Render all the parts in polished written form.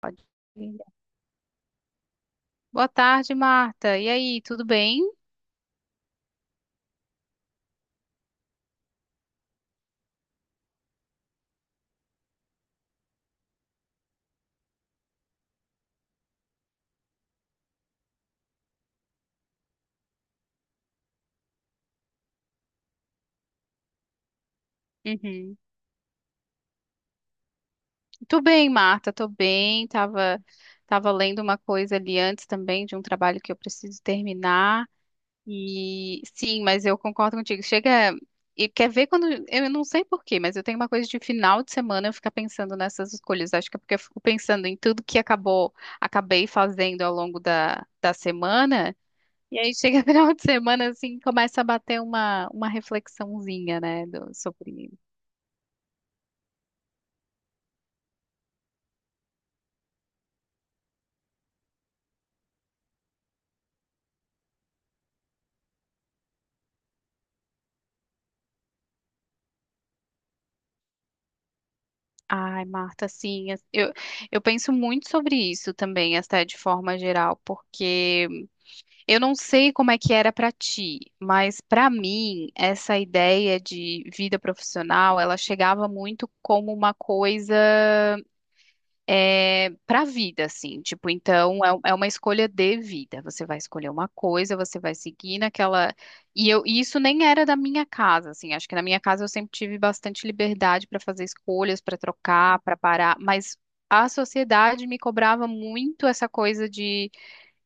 Pode ir. Boa tarde, Marta. E aí, tudo bem? Uhum. Tô bem, Marta, tô bem. Tava lendo uma coisa ali antes também de um trabalho que eu preciso terminar. E sim, mas eu concordo contigo. Chega e quer ver quando eu não sei por quê, mas eu tenho uma coisa de final de semana eu ficar pensando nessas escolhas. Acho que é porque eu fico pensando em tudo que acabou, acabei fazendo ao longo da semana. E aí chega final de semana, assim, começa a bater uma reflexãozinha, né, sobre... Ai, Marta, assim, eu penso muito sobre isso também, até de forma geral, porque eu não sei como é que era pra ti, mas pra mim, essa ideia de vida profissional, ela chegava muito como uma coisa é, para a vida, assim, tipo, então é, é uma escolha de vida. Você vai escolher uma coisa, você vai seguir naquela. E isso nem era da minha casa, assim, acho que na minha casa eu sempre tive bastante liberdade para fazer escolhas, para trocar, para parar, mas a sociedade me cobrava muito essa coisa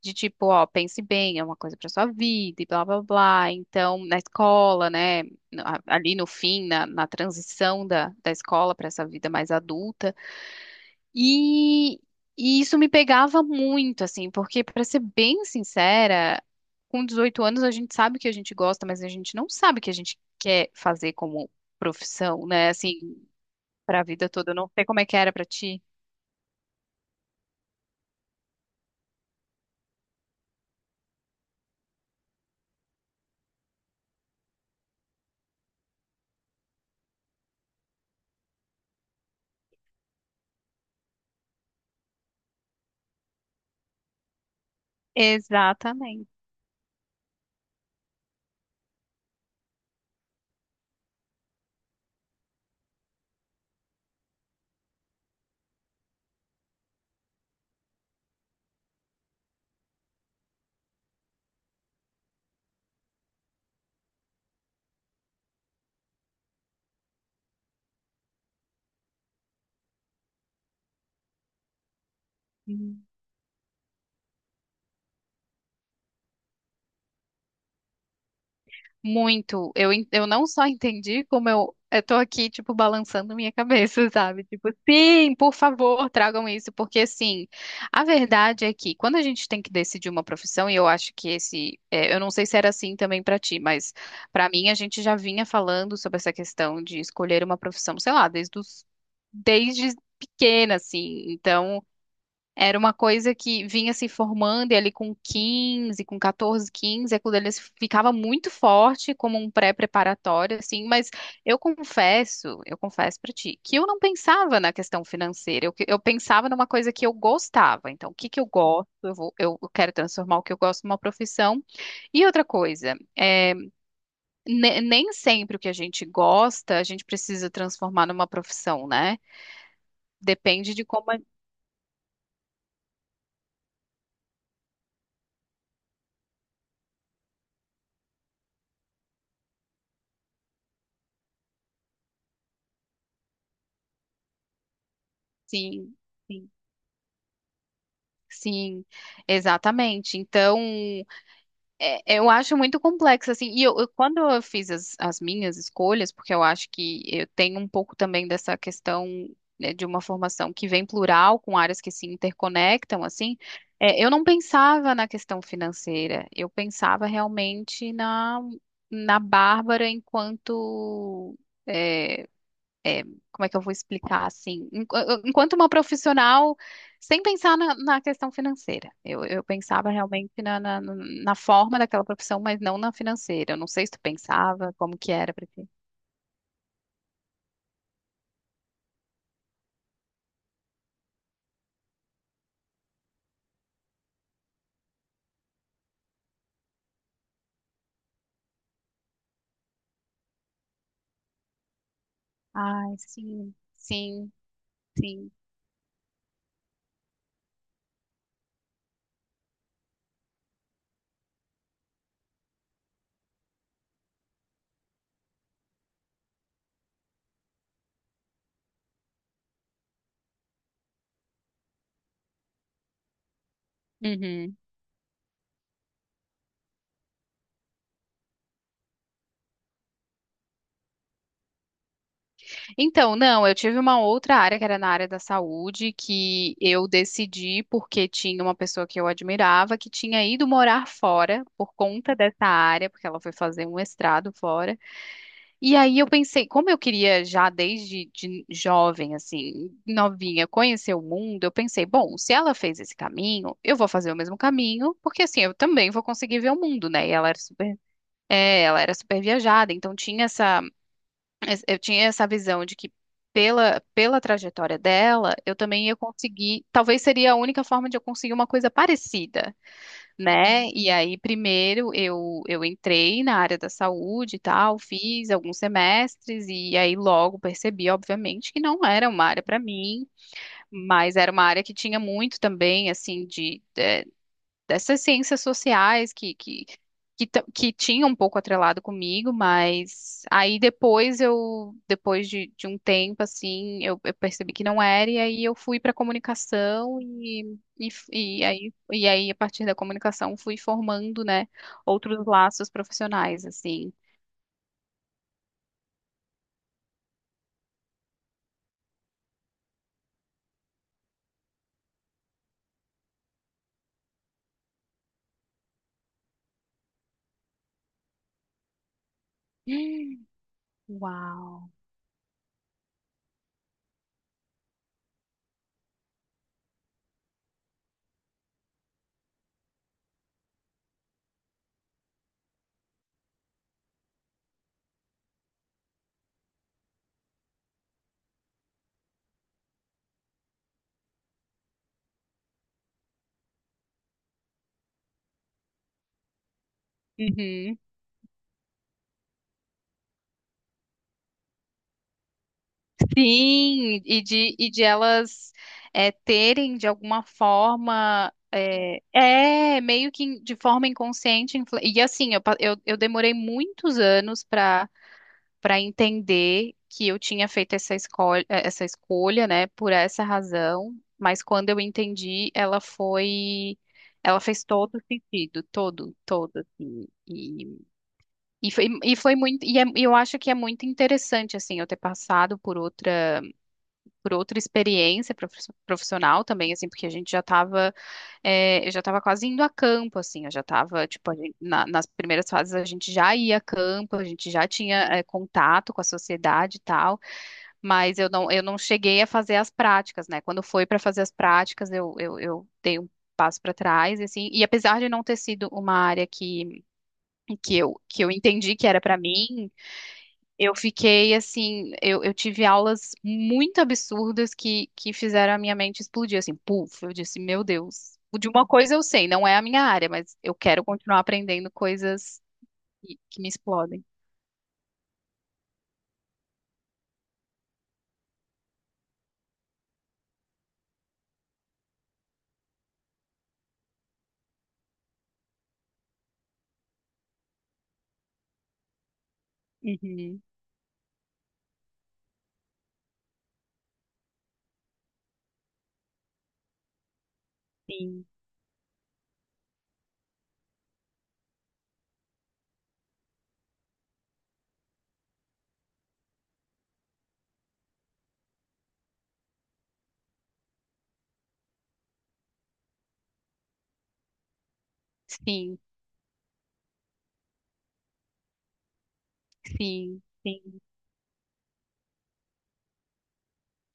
de tipo, ó, pense bem, é uma coisa para sua vida e blá blá blá. Então, na escola, né, ali no fim, na transição da escola para essa vida mais adulta. E, e isso me pegava muito, assim, porque, para ser bem sincera, com 18 anos a gente sabe o que a gente gosta, mas a gente não sabe o que a gente quer fazer como profissão, né? Assim, para a vida toda. Eu não sei como é que era para ti. Exatamente. Muito. Eu não só entendi, como eu tô aqui, tipo, balançando minha cabeça, sabe? Tipo, sim, por favor, tragam isso, porque assim, a verdade é que quando a gente tem que decidir uma profissão, e eu acho que esse, é, eu não sei se era assim também pra ti, mas pra mim a gente já vinha falando sobre essa questão de escolher uma profissão, sei lá, desde pequena, assim. Então, era uma coisa que vinha se formando e ali com 14, 15 aquilo ali ficava muito forte como um pré-preparatório, assim, mas eu confesso pra ti, que eu não pensava na questão financeira, eu pensava numa coisa que eu gostava, então o que que eu gosto, eu vou, eu quero transformar o que eu gosto numa profissão, e outra coisa, nem sempre o que a gente gosta, a gente precisa transformar numa profissão, né? Depende de como, sim, sim. Sim, exatamente. Então, eu acho muito complexo, assim, e quando eu fiz as minhas escolhas, porque eu acho que eu tenho um pouco também dessa questão, né, de uma formação que vem plural, com áreas que se interconectam, assim, é, eu não pensava na questão financeira, eu pensava realmente na, na Bárbara enquanto. É, é, como é que eu vou explicar assim? Enquanto uma profissional, sem pensar na questão financeira. Eu pensava realmente na forma daquela profissão, mas não na financeira. Eu não sei se tu pensava, como que era para ti. Ai, sim, sim, sim. Uhum. Então, não, eu tive uma outra área que era na área da saúde, que eu decidi porque tinha uma pessoa que eu admirava que tinha ido morar fora por conta dessa área, porque ela foi fazer um mestrado fora. E aí eu pensei, como eu queria já desde de jovem, assim, novinha, conhecer o mundo, eu pensei, bom, se ela fez esse caminho, eu vou fazer o mesmo caminho, porque assim, eu também vou conseguir ver o mundo, né? E ela era super, é, ela era super viajada, então tinha essa, eu tinha essa visão de que pela trajetória dela, eu também ia conseguir, talvez seria a única forma de eu conseguir uma coisa parecida né? E aí, primeiro, eu entrei na área da saúde e tal, fiz alguns semestres, e aí logo percebi, obviamente, que não era uma área para mim, mas era uma área que tinha muito também, assim, de, é, dessas ciências sociais que que tinha um pouco atrelado comigo, mas aí depois eu, depois de um tempo, assim, eu percebi que não era, e aí eu fui para comunicação e a partir da comunicação, fui formando, né, outros laços profissionais, assim. Uau! Uhum. Sim, e de elas é, terem de alguma forma. É, é, meio que de forma inconsciente. E assim, eu demorei muitos anos para para entender que eu tinha feito essa escolha, né, por essa razão. Mas quando eu entendi, ela foi. Ela fez todo sentido, todo, todo. Assim. E foi muito. E eu acho que é muito interessante, assim, eu ter passado por outra experiência profissional também, assim, porque a gente já estava, eu já estava quase indo a campo, assim, eu já estava, tipo, nas primeiras fases a gente já ia a campo, a gente já tinha, contato com a sociedade e tal, mas eu não cheguei a fazer as práticas, né? Quando foi para fazer as práticas, eu dei um passo para trás, e assim, e apesar de não ter sido uma área que eu entendi que era para mim, eu fiquei assim, eu tive aulas muito absurdas que fizeram a minha mente explodir, assim, puf, eu disse, meu Deus. De uma coisa eu sei, não é a minha área, mas eu quero continuar aprendendo coisas que me explodem. Uhum, sim, sim, sim, sim.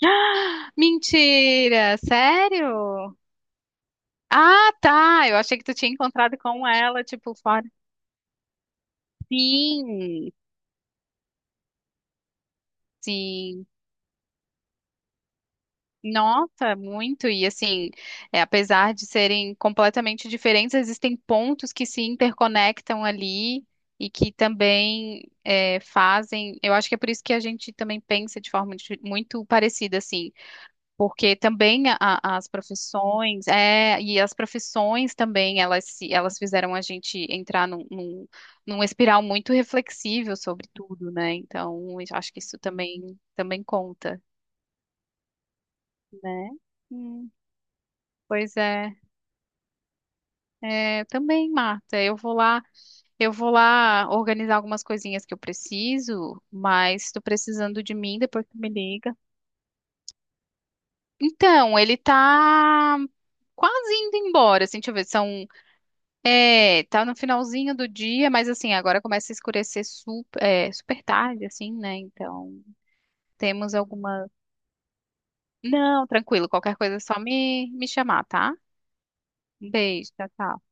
Ah, mentira, sério? Ah, tá, eu achei que tu tinha encontrado com ela, tipo, fora. Sim, sim. Nossa, muito. E assim, é, apesar de serem completamente diferentes, existem pontos que se interconectam ali e que também é, fazem. Eu acho que é por isso que a gente também pensa de forma muito parecida, assim, porque também as profissões, é, e as profissões também, elas, elas fizeram a gente entrar num espiral muito reflexível sobre tudo, né? Então, eu acho que isso também, também conta, né? Pois é, é, também, Marta. Eu vou lá organizar algumas coisinhas que eu preciso, mas estou precisando de mim depois tu me liga. Então, ele tá quase indo embora, assim, deixa eu ver, são, é, tá no finalzinho do dia, mas assim, agora começa a escurecer super, é, super tarde, assim, né? Então, temos alguma... Não, tranquilo, qualquer coisa é só me chamar, tá? Um beijo, tchau, tchau.